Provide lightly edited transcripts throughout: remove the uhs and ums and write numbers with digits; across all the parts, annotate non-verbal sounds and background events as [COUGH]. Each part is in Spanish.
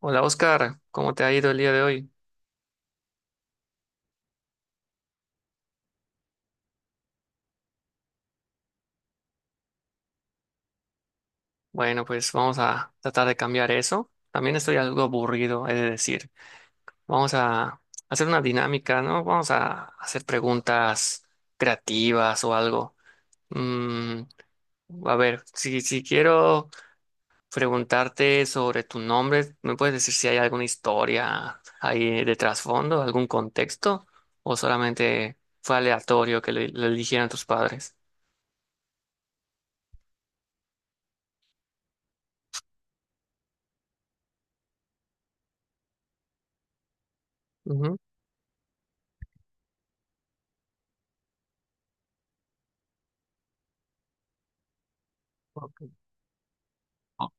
Hola Oscar, ¿cómo te ha ido el día de hoy? Bueno, pues vamos a tratar de cambiar eso. También estoy algo aburrido, he de decir. Vamos a hacer una dinámica, ¿no? Vamos a hacer preguntas creativas o algo. Mm, a ver, si quiero preguntarte sobre tu nombre, ¿me puedes decir si hay alguna historia ahí de trasfondo, algún contexto? ¿O solamente fue aleatorio que lo eligieran tus padres? Ujú. Ok.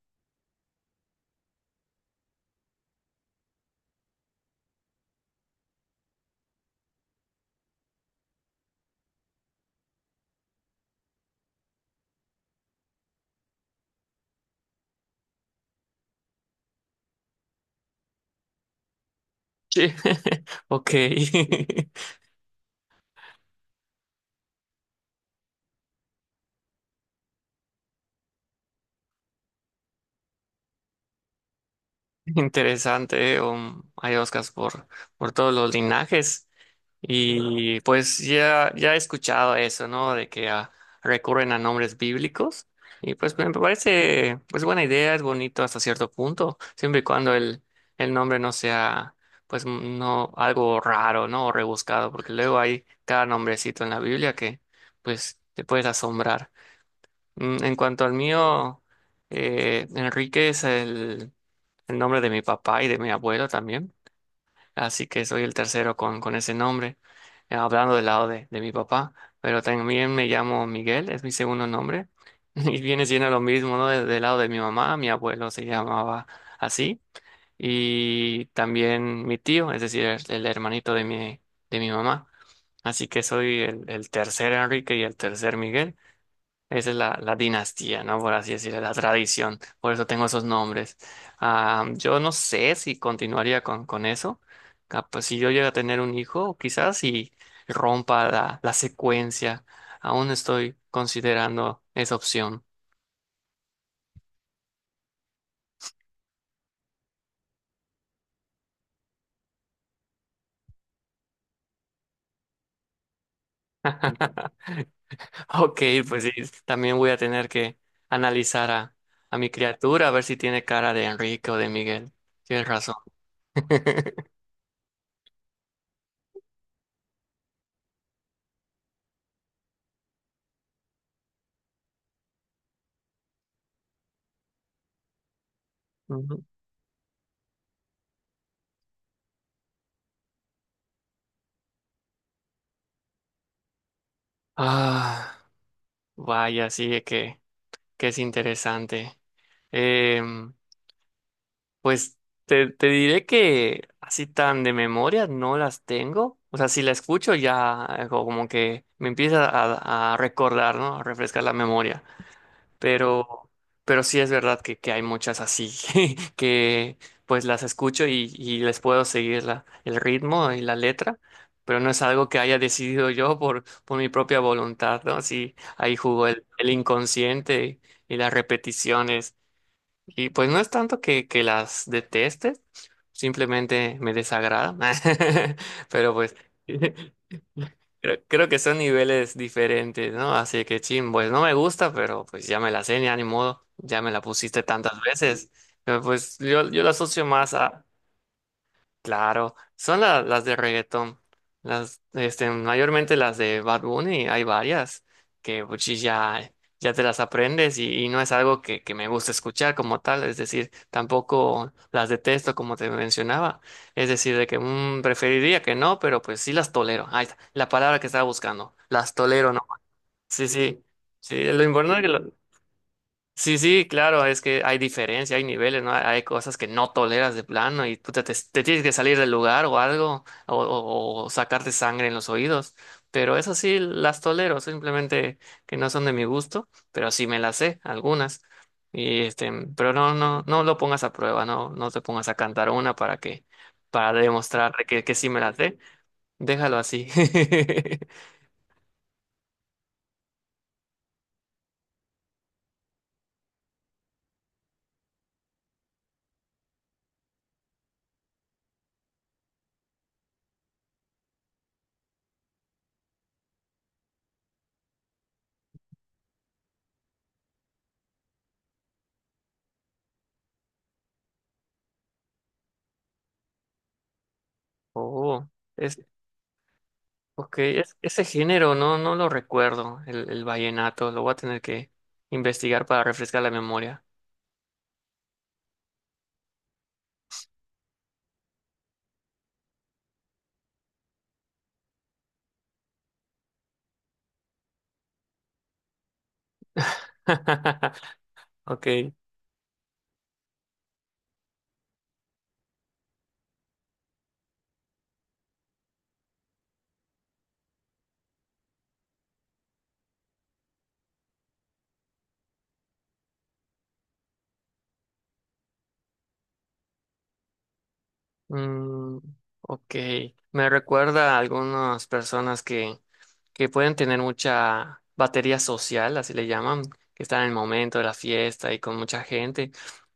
Sí, [LAUGHS] ok, [LAUGHS] interesante. Um, hay Oscars por todos los linajes. Y pues ya he escuchado eso, ¿no? De que recurren a nombres bíblicos. Y pues me parece, pues buena idea, es bonito hasta cierto punto, siempre y cuando el nombre no sea, pues no, algo raro, ¿no? O rebuscado, porque luego hay cada nombrecito en la Biblia que, pues, te puedes asombrar. Mm, en cuanto al mío, Enrique es el nombre de mi papá y de mi abuelo también, así que soy el tercero con ese nombre, hablando del lado de mi papá, pero también me llamo Miguel, es mi segundo nombre, [LAUGHS] y viene siendo lo mismo, ¿no? Del lado de mi mamá, mi abuelo se llamaba así, y también mi tío, es decir, el hermanito de mi mamá, así que soy el tercer Enrique y el tercer Miguel. Esa es la dinastía, ¿no? Por así decirlo, la tradición. Por eso tengo esos nombres. Ah, yo no sé si continuaría con eso. Capaz, si yo llego a tener un hijo, quizás si rompa la secuencia. Aún estoy considerando esa opción. [LAUGHS] Ok, pues sí, también voy a tener que analizar a mi criatura, a ver si tiene cara de Enrique o de Miguel. Tienes razón. [LAUGHS] Ujú. Ah, vaya, sí, que es interesante. Em, pues te diré que así tan de memoria no las tengo. O sea, si la escucho ya como que me empieza a recordar, ¿no? A refrescar la memoria. Pero, pero sí es verdad que hay muchas así [LAUGHS] que pues las escucho y les puedo seguir el ritmo y la letra. Pero no es algo que haya decidido yo por mi propia voluntad, ¿no? Sí, ahí jugó el inconsciente y las repeticiones. Y pues no es tanto que las deteste, simplemente me desagrada. [LAUGHS] Pero pues [LAUGHS] creo que son niveles diferentes, ¿no? Así que chin, pues no me gusta, pero pues ya me la sé, ya ni modo, ya me la pusiste tantas veces. Pero, pues yo la asocio más a, claro, son las de reggaetón. Las, este, mayormente las de Bad Bunny, hay varias que pues, sí, ya, ya te las aprendes y no es algo que me gusta escuchar como tal, es decir, tampoco las detesto como te mencionaba, es decir, de que mm, preferiría que no, pero pues sí las tolero. Ahí está, la palabra que estaba buscando, las tolero, ¿no? Sí, sí, sí, lo importante. Sí, sí, claro, es que hay diferencia, hay niveles, ¿no? Hay cosas que no toleras de plano y tú te tienes que salir del lugar o algo, o sacarte sangre en los oídos. Pero eso sí, las tolero, simplemente que no son de mi gusto, pero sí me las sé, algunas. Y este, pero no, no, no lo pongas a prueba, no, no te pongas a cantar una para demostrar que sí me las sé. Déjalo así. [LAUGHS] Oh, ok, ese género no, no lo recuerdo, el vallenato, lo voy a tener que investigar para refrescar la memoria. [LAUGHS] Ok, mm, ok, me recuerda a algunas personas que pueden tener mucha batería social, así le llaman, que están en el momento de la fiesta y con mucha gente,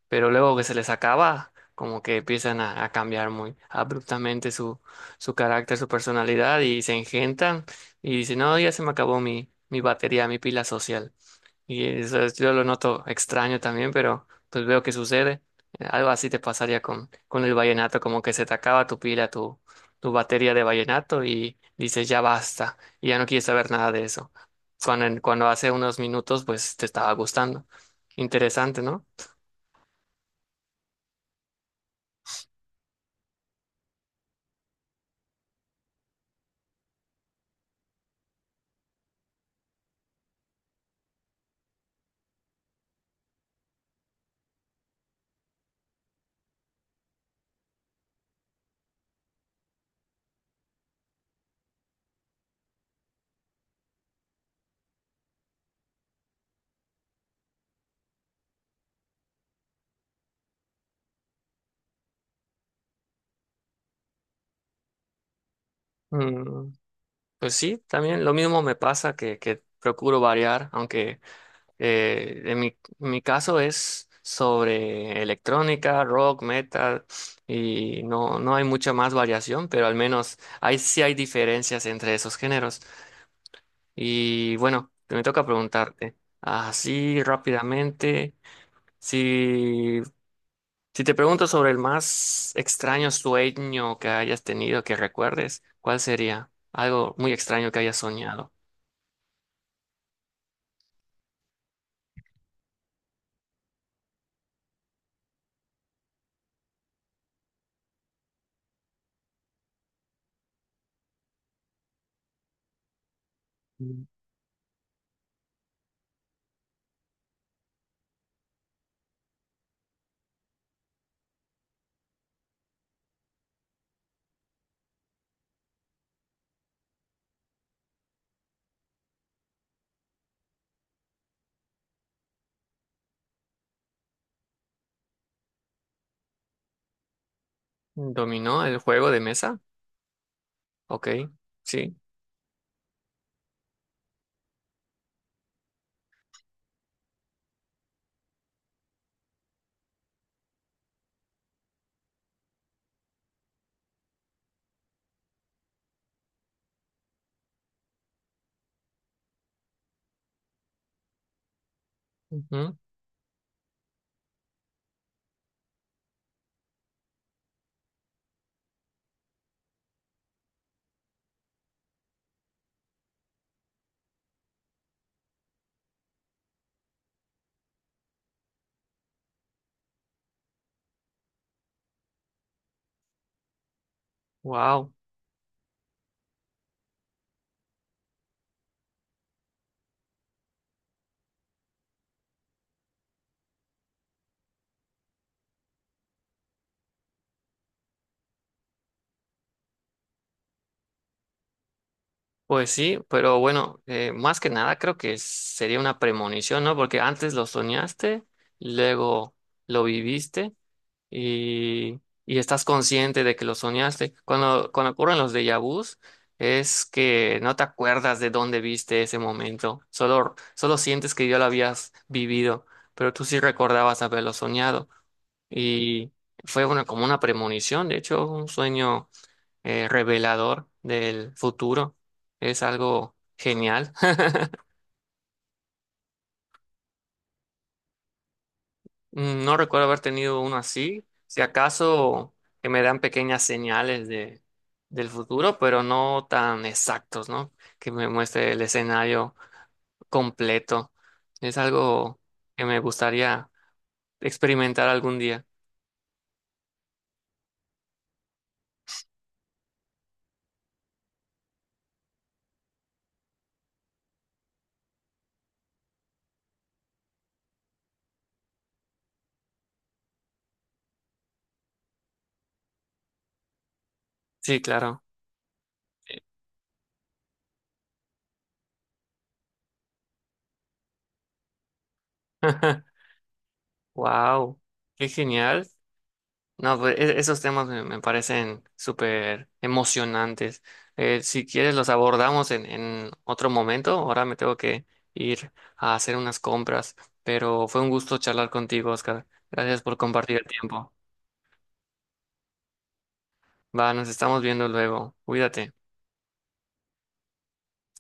pero luego que se les acaba, como que empiezan a cambiar muy abruptamente su carácter, su personalidad y se engentan y dicen, no, ya se me acabó mi batería, mi pila social. Y yo lo noto extraño también, pero pues veo que sucede. Algo así te pasaría con el vallenato, como que se te acaba tu pila, tu batería de vallenato y dices ya basta, y ya no quieres saber nada de eso. Cuando hace unos minutos pues te estaba gustando. Interesante, ¿no? Mm, pues sí, también lo mismo me pasa que procuro variar, aunque Eh, en mi, en mi caso es sobre electrónica, rock, metal, y no, no hay mucha más variación, pero al menos hay, sí hay diferencias entre esos géneros. Y bueno, me toca preguntarte, así rápidamente, si, si te pregunto sobre el más extraño sueño que hayas tenido, que recuerdes, ¿cuál sería? Algo muy extraño que hayas soñado. Mm. ¿Dominó el juego de mesa? Ok, sí. Ujú. Wow, pues sí, pero bueno, más que nada creo que sería una premonición, ¿no? Porque antes lo soñaste, luego lo viviste y estás consciente de que lo soñaste. Cuando, cuando ocurren los déjà vus, es que no te acuerdas de dónde viste ese momento, solo, solo sientes que ya lo habías vivido, pero tú sí recordabas haberlo soñado y fue una, como una premonición, de hecho, un sueño revelador del futuro. Es algo genial. [LAUGHS] No recuerdo haber tenido uno así. Si acaso que me dan pequeñas señales del futuro, pero no tan exactos, ¿no? Que me muestre el escenario completo. Es algo que me gustaría experimentar algún día. Sí, claro. [LAUGHS] Wow, qué genial. No, pues esos temas me parecen súper emocionantes. Si quieres, los abordamos en otro momento. Ahora me tengo que ir a hacer unas compras, pero fue un gusto charlar contigo, Oscar. Gracias por compartir el tiempo. Va, nos estamos viendo luego. Cuídate.